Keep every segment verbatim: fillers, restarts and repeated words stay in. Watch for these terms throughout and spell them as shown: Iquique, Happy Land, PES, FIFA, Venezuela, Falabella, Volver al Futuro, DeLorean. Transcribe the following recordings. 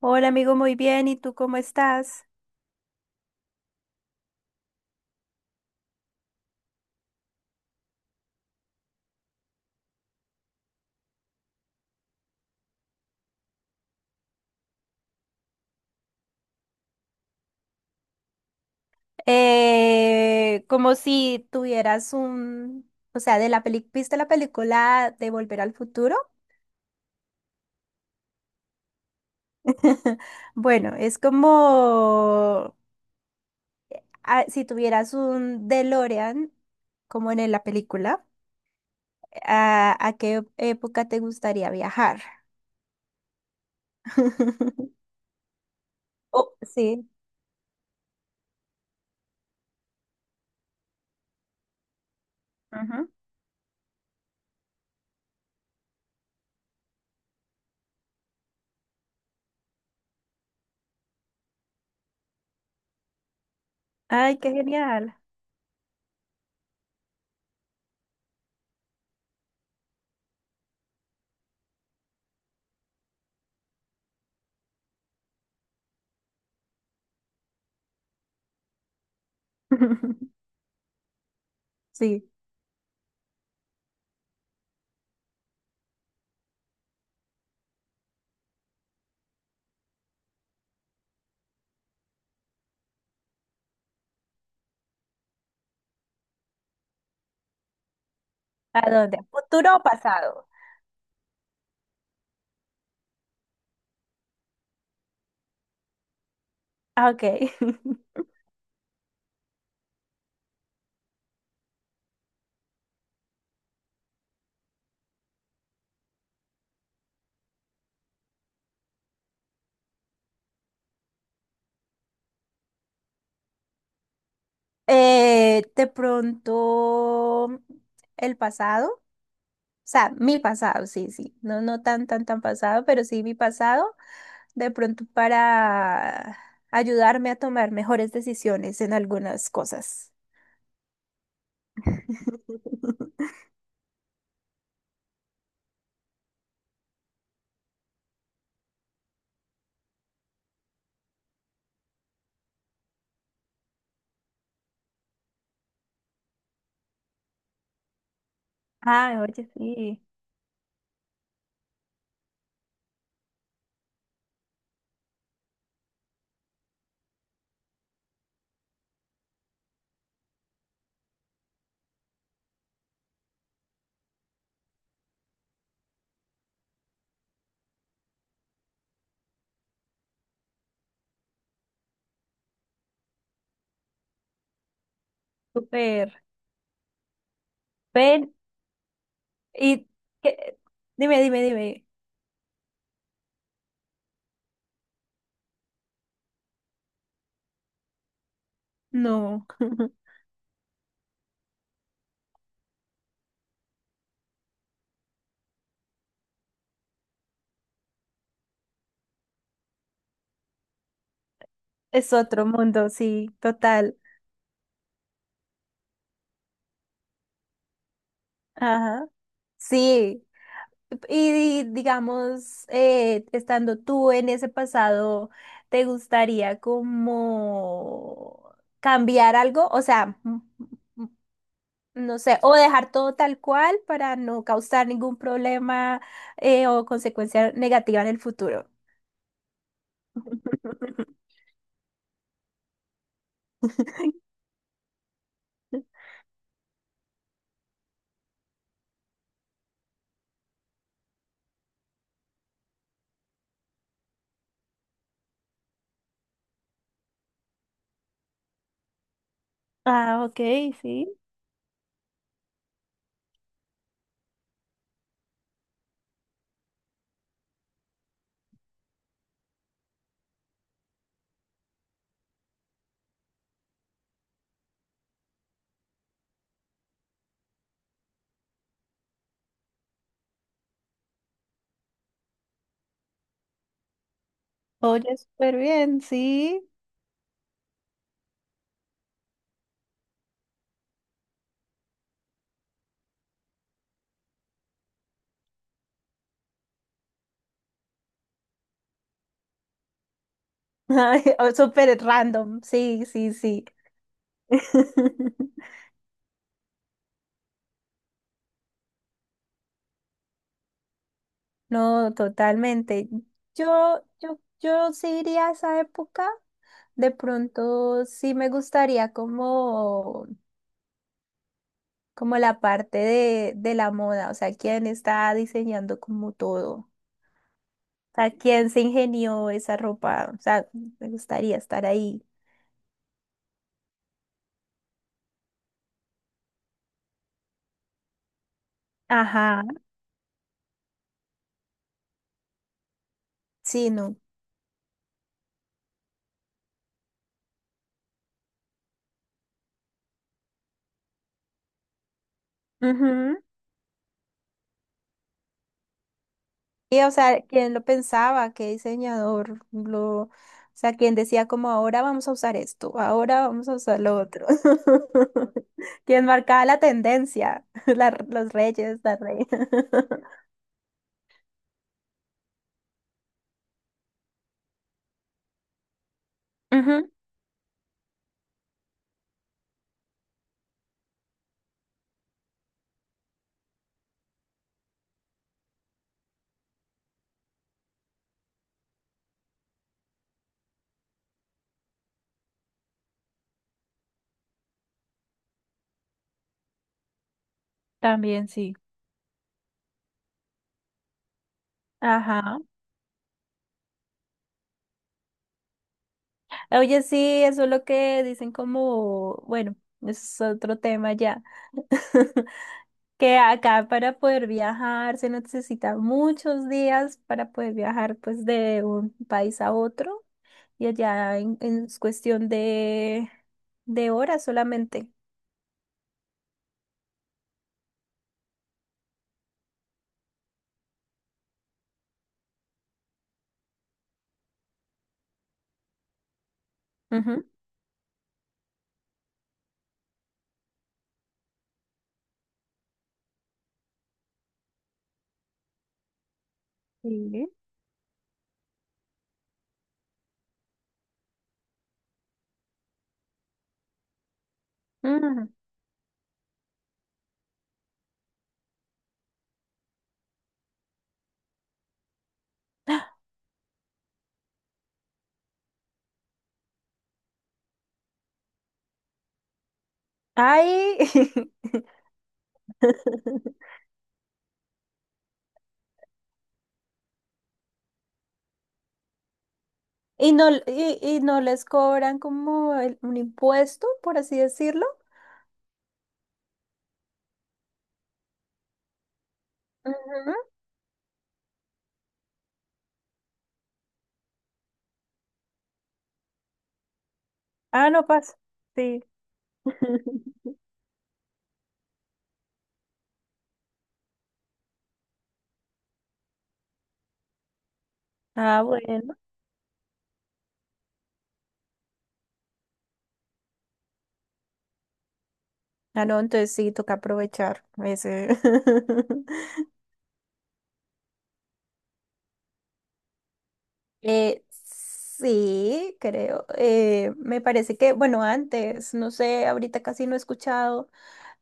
Hola amigo, muy bien. ¿Y tú cómo estás? Eh, como si tuvieras un, o sea, de la peli, ¿viste la película de Volver al Futuro? Bueno, es como ah, si tuvieras un DeLorean, como en la película, ¿a, a qué época te gustaría viajar? Oh, sí. Ujú. Ay, qué genial. Sí. ¿A dónde? ¿Futuro o pasado? Ah, ok. Eh, de pronto el pasado, o sea, mi pasado, sí, sí, no, no tan, tan, tan pasado, pero sí mi pasado, de pronto para ayudarme a tomar mejores decisiones en algunas cosas. Ah, oye, sí, súper. Ven, ¿y qué? Dime, dime, dime. No, es otro mundo, sí, total. Ajá. Sí. Y, digamos, eh, estando tú en ese pasado, ¿te gustaría como cambiar algo? O sea, m- m- no sé, o dejar todo tal cual para no causar ningún problema eh, o consecuencia negativa en el futuro. Ah, ok, sí. Oye, súper bien, sí. Ay, o súper random, sí, sí, sí. No, totalmente. Yo, yo, yo sí iría a esa época. De pronto sí me gustaría como, como la parte de, de la moda, o sea, quién está diseñando como todo. O sea, quién se ingenió esa ropa. O sea, me gustaría estar ahí. Ajá. Sí, no. Ujú. Y, o sea, ¿quién lo pensaba? ¿Qué diseñador? Lo, o sea, ¿quién decía como ahora vamos a usar esto, ahora vamos a usar lo otro? ¿Quién marcaba la tendencia? La- los reyes, la reina. Ujú, también sí. Ajá. Oye, sí, eso es lo que dicen como, bueno, es otro tema ya. Que acá para poder viajar se necesita muchos días para poder viajar pues de un país a otro. Y allá en, en es cuestión de, de horas solamente. Ujú. Sí. Mm. Ay, y no, y, y no les cobran como el- un impuesto, por así decirlo. Ujú. Ah, no pasa. Sí. Ah, bueno. Ah, no, entonces sí, toca aprovechar ese. Eh, sí, creo. Eh, me parece que, bueno, antes, no sé, ahorita casi no he escuchado.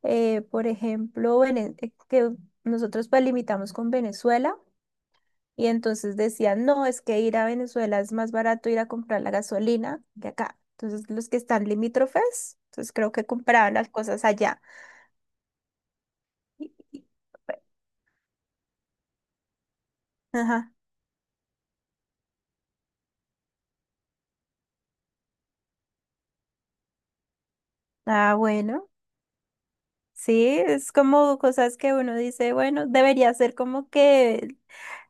eh, por ejemplo, Vene- eh, que nosotros pues limitamos con Venezuela y entonces decían, no, es que ir a Venezuela es más barato ir a comprar la gasolina que acá. Entonces los que están limítrofes, entonces creo que compraban las cosas allá. Y- y- Ajá. Ah, bueno. Sí, es como cosas que uno dice, bueno, debería ser como que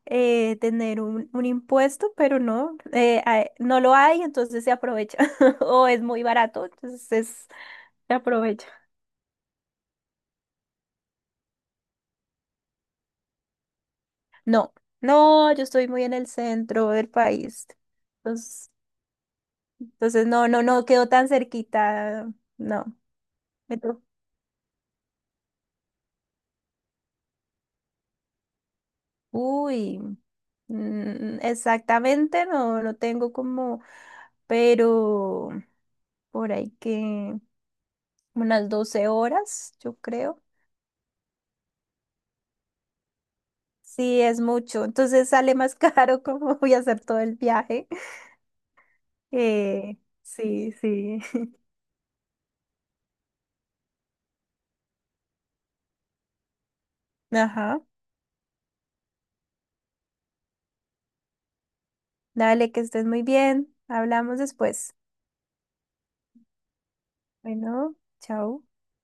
eh, tener un, un impuesto, pero no, eh, ah, no lo hay, entonces se aprovecha o es muy barato, entonces es aprovecha. No, no, yo estoy muy en el centro del país. Entonces, entonces no, no, no quedó tan cerquita. No. Me to- Uy, mm, exactamente, no, no tengo como, pero por ahí que unas doce horas, yo creo. Sí, es mucho. Entonces sale más caro como voy a hacer todo el viaje. Eh, sí, sí. Ajá. Dale, que estés muy bien. Hablamos después. Bueno, chao.